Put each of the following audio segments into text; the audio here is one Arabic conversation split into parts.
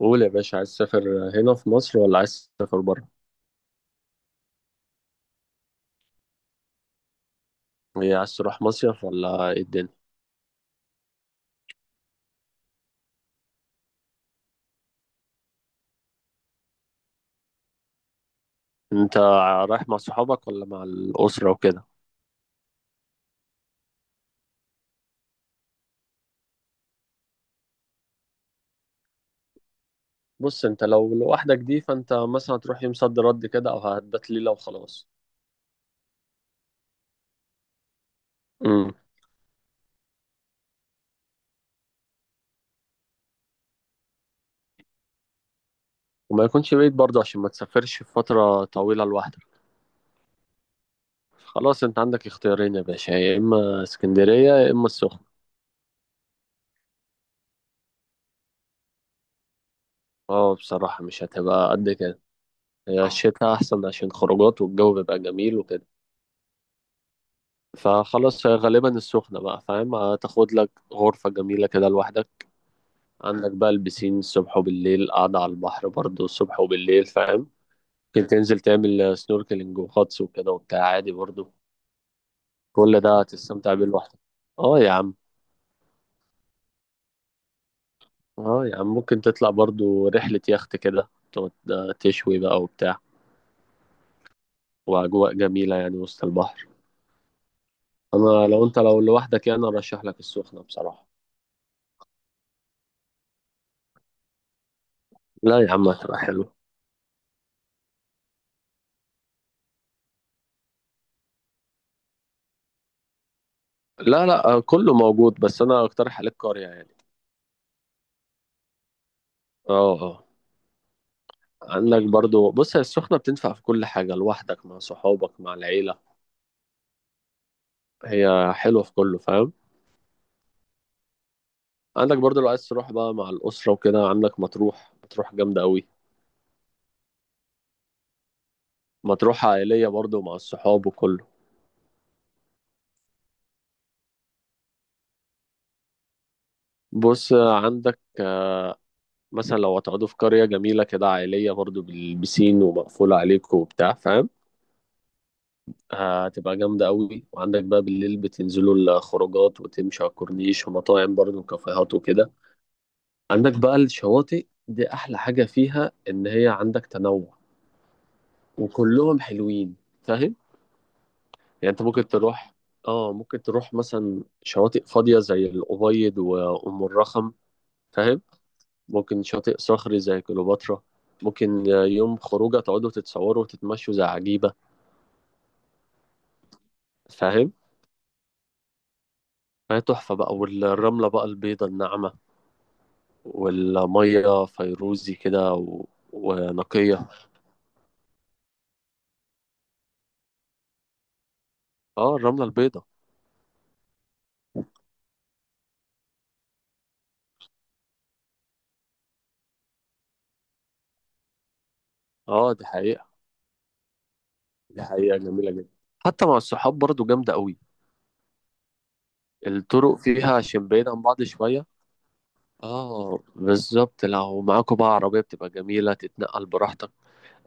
قول يا باشا، عايز تسافر هنا في مصر ولا عايز تسافر بره؟ إيه، عايز تروح مصيف ولا ايه الدنيا؟ انت رايح مع صحابك ولا مع الأسرة وكده؟ بص، انت لو لوحدك دي فانت مثلا هتروح يوم صد رد كده او هتبات ليلة وخلاص. امم. وما يكونش بعيد برضه عشان ما تسافرش في فترة طويلة لوحدك. خلاص، انت عندك اختيارين يا باشا، يا اما اسكندرية يا اما السخنة. اه، بصراحة مش هتبقى قد كده. هي الشتاء احسن عشان خروجات والجو بيبقى جميل وكده. فخلاص، هي غالبا السخنة بقى، فاهم، هتاخد لك غرفة جميلة كده لوحدك. عندك بقى البسين الصبح وبالليل، قاعدة على البحر برضو الصبح وبالليل، فاهم. ممكن تنزل تعمل سنوركلينج وغطس وكده وبتاع عادي برضو. كل ده هتستمتع بيه لوحدك. اه يا عم. اه يا عم، ممكن تطلع برضو رحلة يخت كده تقعد تشوي بقى وبتاع. وأجواء جميلة يعني وسط البحر. أنا لو أنت لو لوحدك يعني أرشح لك السخنة بصراحة. لا يا عم، هتبقى حلو. لا لا، كله موجود بس أنا أقترح عليك قرية يعني. اه اه. عندك برضو، بص، هي السخنة بتنفع في كل حاجة، لوحدك، مع صحابك، مع العيلة. هي حلوة في كله، فاهم. عندك برضو لو عايز تروح بقى مع الأسرة وكده، عندك مطروح. مطروح جامدة أوي. مطروح عائلية برضو، مع الصحاب وكله. بص، عندك مثلا لو هتقعدوا في قرية جميلة كده عائلية برضو بالبسين ومقفولة عليكم وبتاع، فاهم. هتبقى جامدة أوي، وعندك بقى بالليل بتنزلوا الخروجات وتمشوا على الكورنيش، ومطاعم برضو وكافيهات وكده. عندك بقى الشواطئ، دي احلى حاجة فيها ان هي عندك تنوع. وكلهم حلوين. فاهم. يعني انت ممكن تروح مثلا شواطئ فاضية زي الأبيض وأم الرخم. فاهم. ممكن شاطئ صخري زي كليوباترا. ممكن يوم خروجة تقعدوا تتصوروا وتتمشوا زي عجيبة. فاهم. فهي تحفة بقى، والرملة بقى البيضة الناعمة، والمية فيروزي كده ونقية. اه، الرملة البيضة. اه دي حقيقة. دي حقيقة جميلة جدا. حتى مع الصحاب برضو جامدة قوي. الطرق فيها عشان بعيد عن بعض شوية. اه بالظبط، لو معاكوا بقى عربية بتبقى جميلة تتنقل براحتك.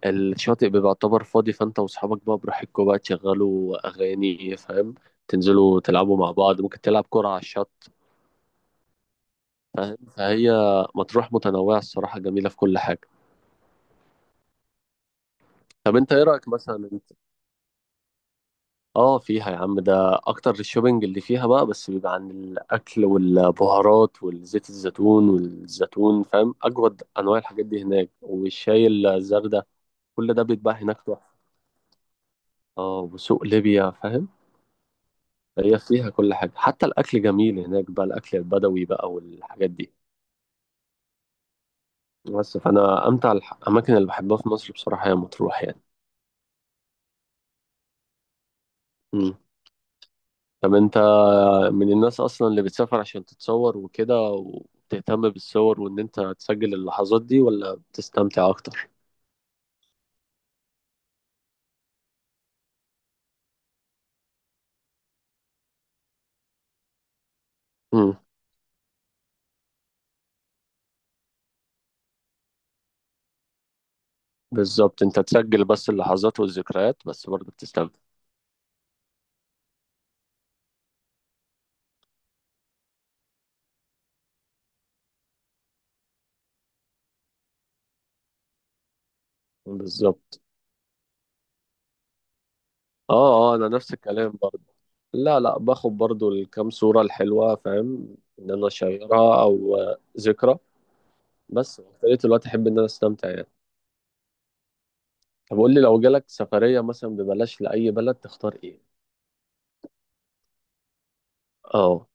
الشاطئ بيبقى يعتبر فاضي، فانت واصحابك بقى براحتكوا بقى تشغلوا اغاني، فاهم. تنزلوا تلعبوا مع بعض، ممكن تلعب كرة على الشط. فاهم. فهي مطروح متنوعة الصراحة، جميلة في كل حاجة. طب انت ايه رأيك مثلا؟ اه فيها يا عم، ده اكتر الشوبينج اللي فيها بقى بس بيبقى عن الاكل والبهارات والزيت الزيتون والزيتون، فاهم، اجود انواع الحاجات دي هناك، والشاي الزردة، كل ده بيتباع هناك تحفه. اه، وسوق ليبيا، فاهم. هي فيها كل حاجه، حتى الاكل جميل هناك بقى، الاكل البدوي بقى والحاجات دي. بس فانا امتع الاماكن اللي بحبها في مصر بصراحه هي مطروح يعني. مم. طب انت من الناس اصلا اللي بتسافر عشان تتصور وكده وبتهتم بالصور وان انت تسجل اللحظات دي، ولا بتستمتع اكتر؟ امم. بالظبط، انت تسجل بس اللحظات والذكريات، بس برضه بتستمتع. بالظبط. اه اه، انا نفس الكلام برضه. لا لا، باخد برضه الكام صورة الحلوة، فاهم، ان انا اشيرها او ذكرى. بس في بقية الوقت احب ان انا استمتع يعني. طب قول لي، لو جالك سفرية مثلا ببلاش لأي بلد تختار ايه؟ اه.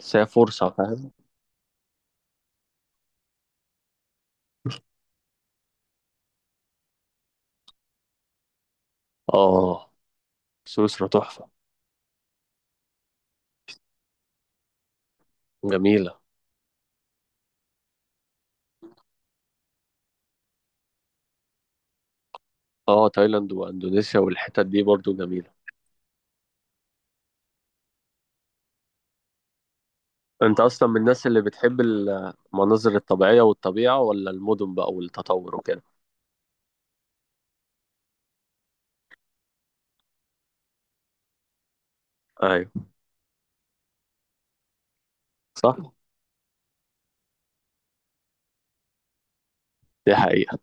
بس هي فرصة، فاهم؟ اه، سويسرا تحفة. جميلة. اه، تايلاند واندونيسيا والحتت دي برضو جميلة. انت اصلا من الناس اللي بتحب المناظر الطبيعية والطبيعة، ولا المدن بقى والتطور وكده؟ ايوه. صح. دي حقيقة.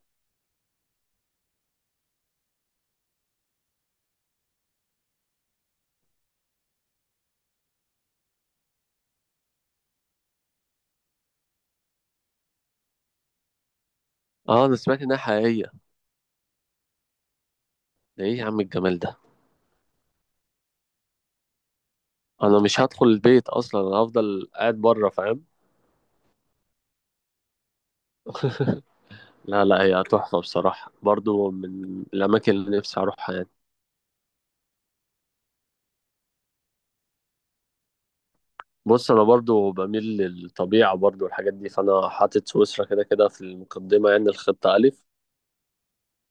اه، انا سمعت انها حقيقية. ده ايه يا عم الجمال ده! انا مش هدخل البيت اصلا، انا هفضل قاعد بره، فاهم. لا لا، هي تحفة بصراحة برضو، من الأماكن اللي نفسي أروحها يعني. بص، أنا برضو بميل للطبيعة برضو والحاجات دي، فأنا حاطط سويسرا كده كده في المقدمة، يعني الخطة ألف.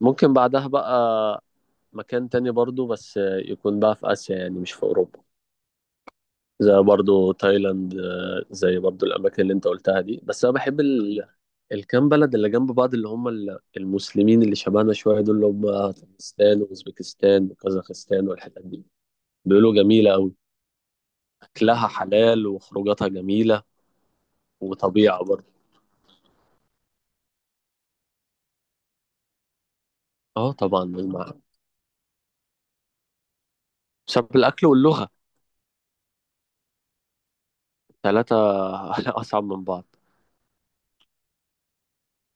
ممكن بعدها بقى مكان تاني برضو بس يكون بقى في آسيا، يعني مش في أوروبا. زي برضو تايلاند، زي برضو الأماكن اللي أنت قلتها دي، بس أنا بحب الكام بلد اللي جنب بعض اللي هم المسلمين اللي شبهنا شوية، دول اللي هم تاجikistan وأوزبكستان وكازاخستان والحتت دي. بيقولوا جميلة أوي. أكلها حلال وخروجاتها جميلة. وطبيعة برضو. أه طبعا مع-. بسبب الأكل واللغة. ثلاثة. أصعب من بعض.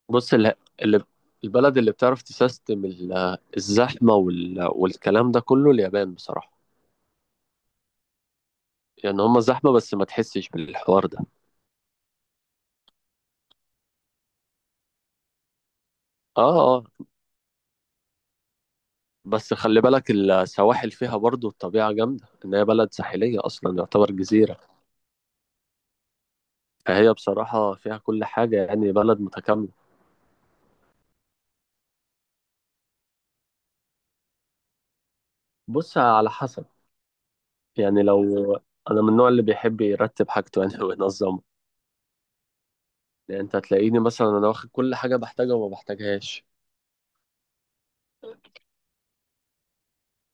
بص اللي البلد اللي بتعرف تسيستم الزحمة والكلام ده كله اليابان بصراحة. يعني هما زحمة بس ما تحسش بالحوار ده. اه اه. بس خلي بالك السواحل فيها برضو الطبيعة جامدة، ان هي بلد ساحلية اصلا، يعتبر جزيرة. فهي بصراحة فيها كل حاجة، يعني بلد متكاملة. بص، على حسب. يعني لو انا من النوع اللي بيحب يرتب حاجته يعني وينظمه. يعني انت هتلاقيني مثلا انا واخد كل حاجة بحتاجها وما بحتاجهاش.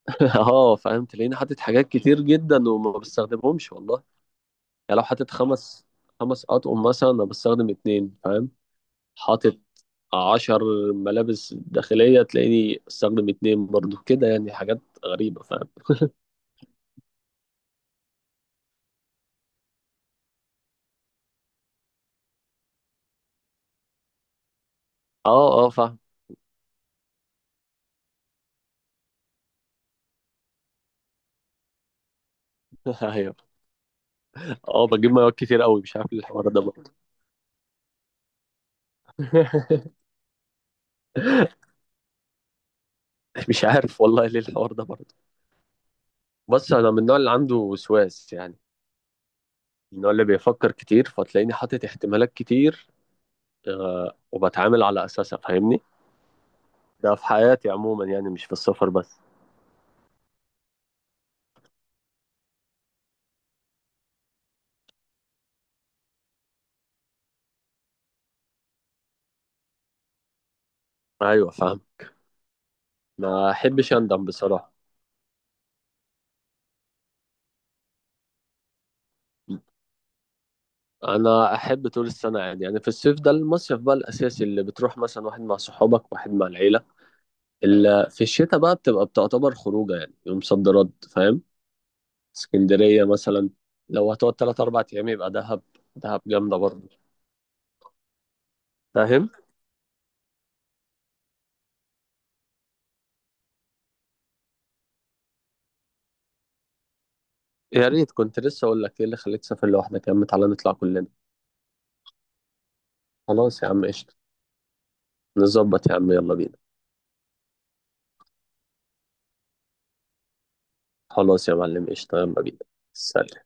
اه فاهم، تلاقيني حاطط حاجات كتير جدا وما بستخدمهمش والله. يعني لو حاطط خمس اطقم مثلا، انا بستخدم اتنين، فاهم. حاطط 10 ملابس داخلية تلاقيني استخدم اتنين برضو كده، يعني حاجات غريبة، فاهم. اه اه فاهم. ايوه. اه بجيب مايوهات كتير قوي، مش عارف ليه الحوار ده برضه. مش عارف والله ليه الحوار ده برضه. بص، انا من النوع اللي عنده وسواس يعني، من النوع اللي بيفكر كتير، فتلاقيني حاطط احتمالات كتير. آه، وبتعامل على اساسها، فاهمني. ده في حياتي عموما يعني، مش في السفر بس. ايوه فاهم. ما احبش اندم بصراحه. انا احب طول السنه عادي يعني، في الصيف ده المصيف بقى الاساسي اللي بتروح مثلا واحد مع صحابك واحد مع العيله. اللي في الشتاء بقى بتبقى بتعتبر خروجه، يعني يوم صد رد، فاهم. اسكندريه مثلا، لو هتقعد تلات اربع ايام يبقى دهب. دهب جامده برضه. فاهم. يا ريت، كنت لسه اقول لك ايه اللي خليك تسافر لوحدك يا عم، تعالى نطلع كلنا. خلاص يا عم قشطه. نظبط يا عم، يلا بينا. خلاص يا معلم قشطه، يلا بينا. سلام.